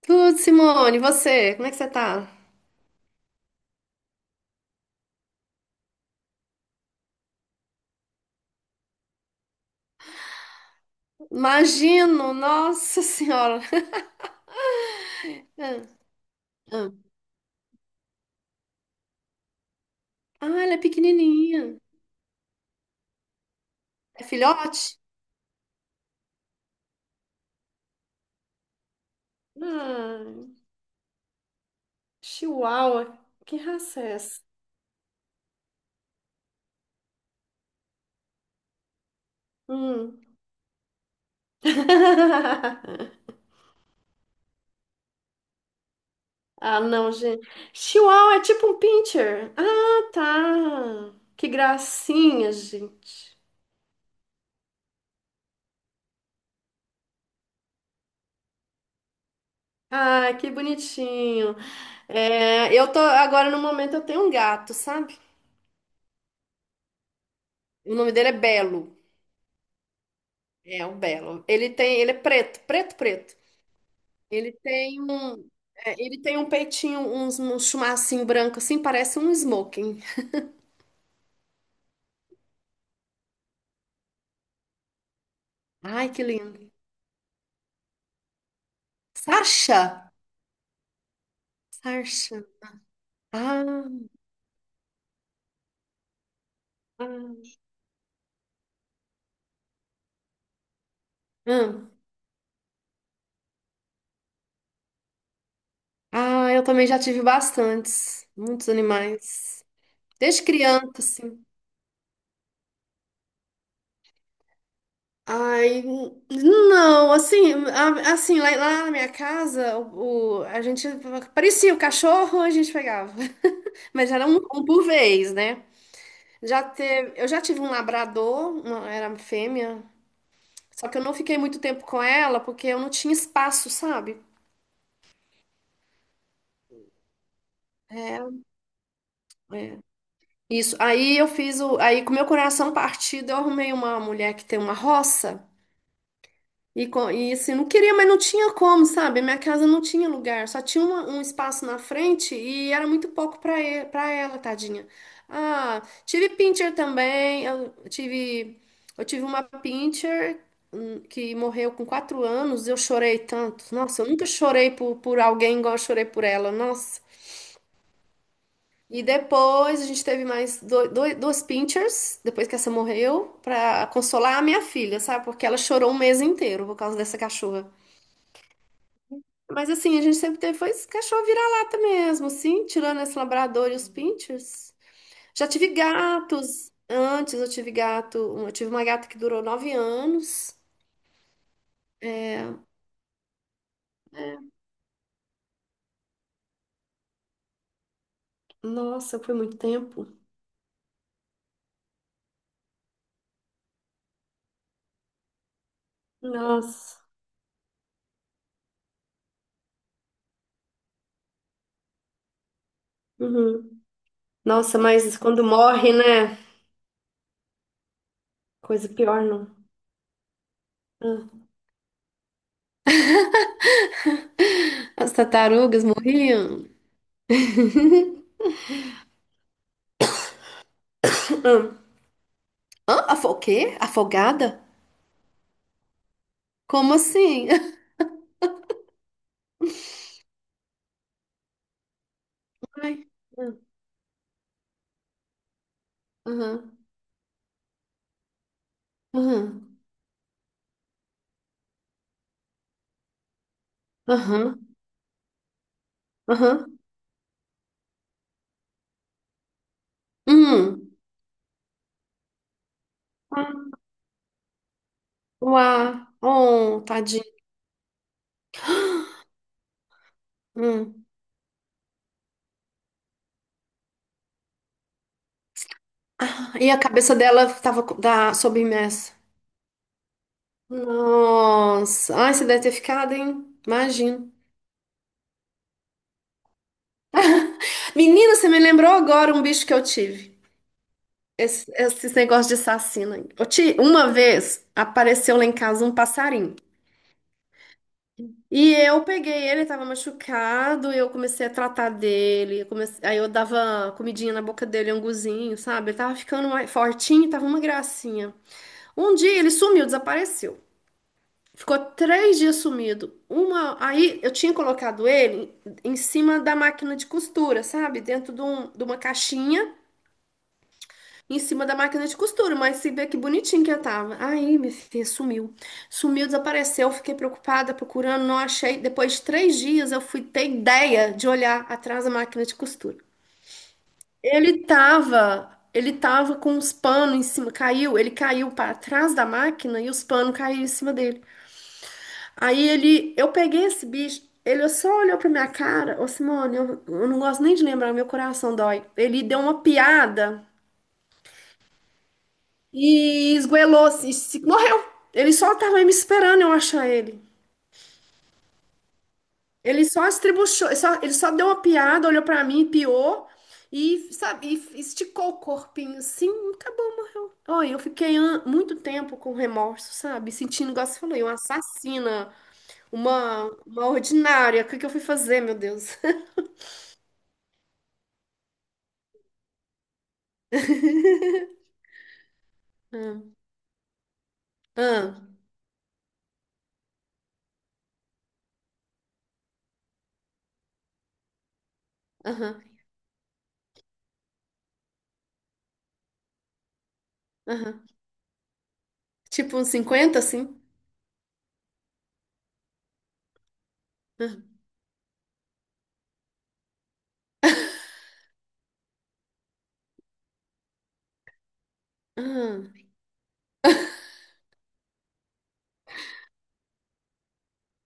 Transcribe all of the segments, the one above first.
Tudo, Simone, e você? Como é que você tá? Imagino, nossa senhora. Ah, ah. Ah, ela é pequenininha. É filhote? Ah, chihuahua. Que raça é essa? Hum. Ah, não, gente. Chihuahua é tipo um pincher. Ah, tá. Que gracinha, gente. Ah, que bonitinho. É, eu tô agora no momento eu tenho um gato, sabe? O nome dele é Belo. É um belo. Ele é preto, preto, preto. Ele tem um, ele tem um peitinho, um chumacinho branco assim, parece um smoking. Ai, que lindo. Sasha, Sasha. Ah, ah, hum. Ah, eu também já tive bastantes, muitos animais. Desde criança, assim. Ai, não, assim, assim, lá na minha casa, a gente parecia o cachorro, a gente pegava. Mas era um por vez, né? Eu já tive um labrador, uma, era fêmea, só que eu não fiquei muito tempo com ela porque eu não tinha espaço, sabe? É, é. Isso. Aí com meu coração partido, eu arrumei uma mulher que tem uma roça. E, e assim, não queria, mas não tinha como, sabe? Minha casa não tinha lugar, só tinha um espaço na frente e era muito pouco para ele para ela, tadinha. Ah, tive pincher também, eu tive uma pincher que morreu com 4 anos, eu chorei tanto. Nossa, eu nunca chorei por alguém igual eu chorei por ela, nossa. E depois a gente teve mais duas pinchers, depois que essa morreu, para consolar a minha filha, sabe? Porque ela chorou um mês inteiro por causa dessa cachorra. Mas assim, a gente sempre teve foi esse cachorro vira-lata mesmo, sim, tirando esse labrador e os pinchers. Já tive gatos. Antes eu tive gato, eu tive uma gata que durou 9 anos. É. Nossa, foi muito tempo. Nossa. Uhum. Nossa, mas quando morre, né? Coisa pior, não. Ah. As tartarugas morriam. Ah. Hã? O quê? Afogada? Como assim? Ai. Ah. Aham. Aham. Aham. Aham. Hum. Uá, oh, tadinho. Hum. E a cabeça dela estava submersa. Nossa, ai, você deve ter ficado, hein? Imagino. Menina, você me lembrou agora um bicho que eu tive. Esses negócios de assassino aí. Uma vez apareceu lá em casa um passarinho. E eu peguei ele, estava machucado, e eu comecei a tratar dele. Aí eu dava comidinha na boca dele, anguzinho, sabe? Ele tava ficando mais fortinho, tava uma gracinha. Um dia ele sumiu, desapareceu. Ficou 3 dias sumido. Aí eu tinha colocado ele em cima da máquina de costura, sabe? Dentro de uma caixinha, em cima da máquina de costura. Mas se vê que bonitinho que eu tava. Aí, minha filha, sumiu. Sumiu, desapareceu. Fiquei preocupada, procurando, não achei. Depois de 3 dias, eu fui ter ideia de olhar atrás da máquina de costura. Ele tava com os panos em cima, caiu, ele caiu para trás da máquina e os panos caíram em cima dele. Eu peguei esse bicho, ele só olhou pra minha cara, ô Simone, eu não gosto nem de lembrar, meu coração dói. Ele deu uma piada e esgoelou, morreu. Ele só tava aí me esperando eu achar ele. Ele só estribuchou, ele só deu uma piada, olhou pra mim, piou e, sabe, e esticou o corpinho assim, acabou. Mano. Oi, eu fiquei muito tempo com remorso, sabe? Sentindo, igual você falou, uma assassina, uma ordinária. O que que eu fui fazer, meu Deus? Ah, ah, aham, aham. Tipo uns 50 assim? Ah, ah,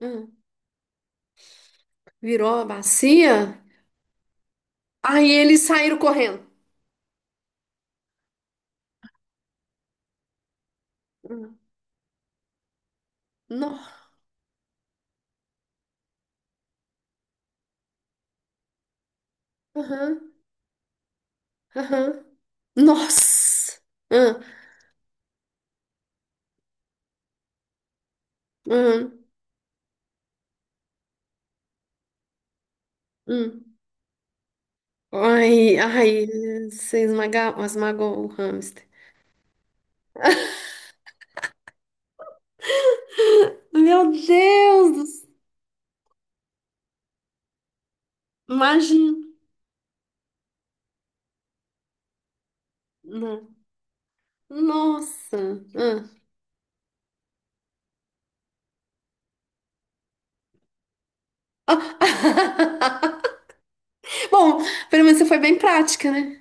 ah. Virou a bacia? Aí eles saíram correndo. Ah, no, aham, aham. Nossa! Ah, ah, ah. Ai, ai, você esmaga, esmagou o hamster. Meu Deus! Imagina! Nossa! Ah. Ah. Bom, pelo menos você foi bem prática, né?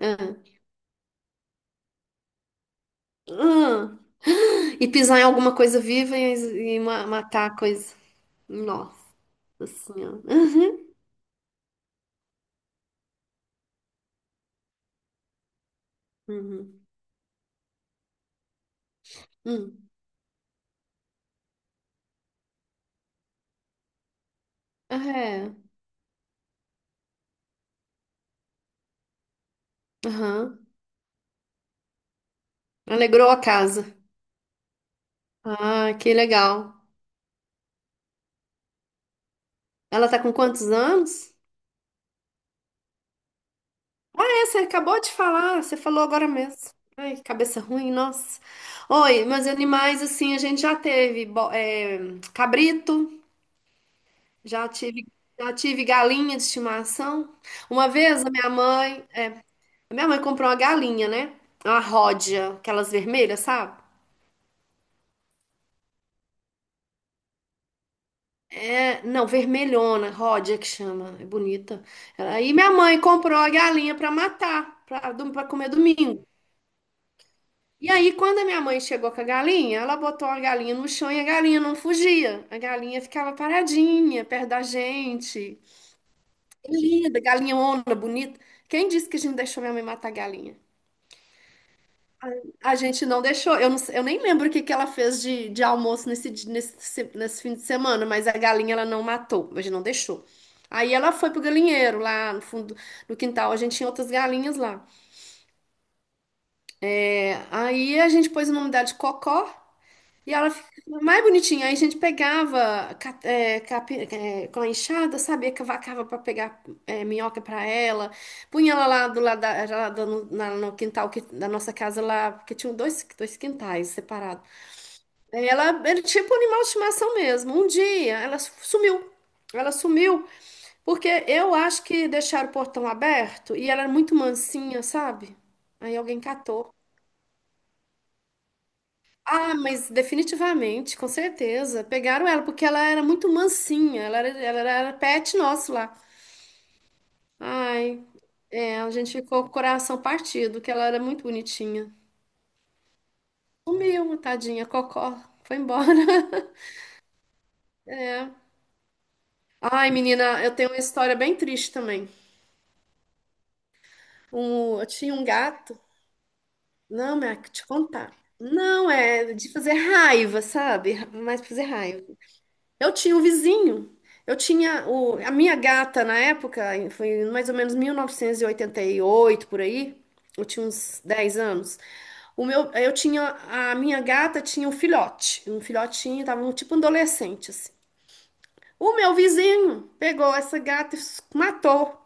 Aham. Hum. E pisar em alguma coisa viva e matar a coisa. Nossa Senhora. Uhum. Uhum. Hum. É. Aham. Alegrou a casa. Ah, que legal. Ela tá com quantos anos? Ah, é, você acabou de falar. Você falou agora mesmo. Ai, que cabeça ruim, nossa. Oi, mas animais, assim, a gente já teve cabrito, já tive, já tive galinha de estimação. Uma vez a minha mãe, Minha mãe comprou uma galinha, né? Uma ródia, aquelas vermelhas, sabe? É, não, vermelhona, ródia que chama, é bonita. Aí minha mãe comprou a galinha pra matar, pra comer domingo. E aí, quando a minha mãe chegou com a galinha, ela botou a galinha no chão e a galinha não fugia. A galinha ficava paradinha, perto da gente. Que linda, galinhona, bonita. Quem disse que a gente deixou minha mãe matar a galinha? A gente não deixou, eu nem lembro o que que ela fez de almoço nesse fim de semana, mas a galinha ela não matou, a gente não deixou. Aí ela foi pro galinheiro lá no fundo do quintal, a gente tinha outras galinhas lá. É, aí a gente pôs o nome dela de Cocó e ela ficou mais bonitinha. Aí a gente pegava com a enxada, sabia, cavacava para pegar minhoca para ela, punha ela lá do lado da, já lá no quintal da nossa casa lá, porque tinham dois quintais separados. Ela era tipo um animal de estimação mesmo. Um dia ela sumiu. Ela sumiu porque eu acho que deixaram o portão aberto e ela era muito mansinha, sabe? Aí alguém catou. Ah, mas definitivamente, com certeza. Pegaram ela porque ela era muito mansinha. Ela era pet nosso lá. Ai, é, a gente ficou com o coração partido, que ela era muito bonitinha. Sumiu, tadinha, cocó. Foi embora. É. Ai, menina, eu tenho uma história bem triste também. Eu tinha um gato. Não, mas te contar. Não, é de fazer raiva, sabe? Mais pra fazer raiva. Eu tinha um vizinho. Eu tinha a minha gata na época, foi mais ou menos mil novecentos e oitenta e oito por aí. Eu tinha uns 10 anos. O meu, eu tinha a minha gata tinha um filhote, um filhotinho, tava um tipo um adolescente assim. O meu vizinho pegou essa gata e matou.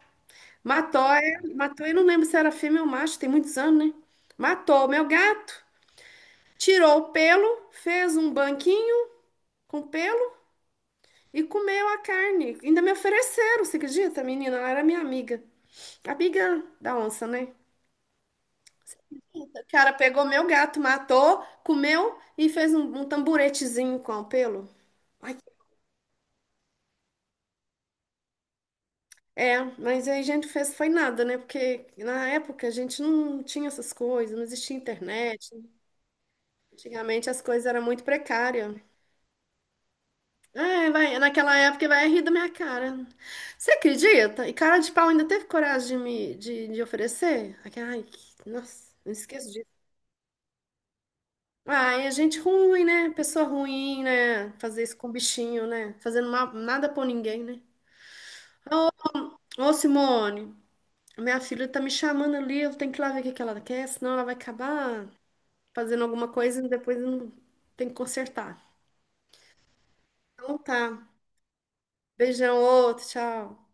Matou, é, matou, eu não lembro se era fêmea ou macho, tem muitos anos, né? Matou o meu gato, tirou o pelo, fez um banquinho com pelo e comeu a carne. Ainda me ofereceram, você acredita, menina? Ela era minha amiga. Amiga da onça, né? O cara pegou meu gato, matou, comeu e fez um tamburetezinho com o pelo. Ai, é, mas aí a gente fez, foi nada, né? Porque na época a gente não tinha essas coisas, não existia internet, né? Antigamente as coisas eram muito precárias. É, vai, naquela época vai rir da minha cara. Você acredita? E cara de pau ainda teve coragem de me de oferecer? Ai, ai, nossa, não esqueço disso. Ai, é gente ruim, né? Pessoa ruim, né? Fazer isso com bichinho, né? Fazendo nada por ninguém, né? Ô, Simone, minha filha tá me chamando ali, eu tenho que ir lá ver o que que ela quer, senão ela vai acabar fazendo alguma coisa e depois eu não tem que consertar. Então tá. Beijão, outro, tchau.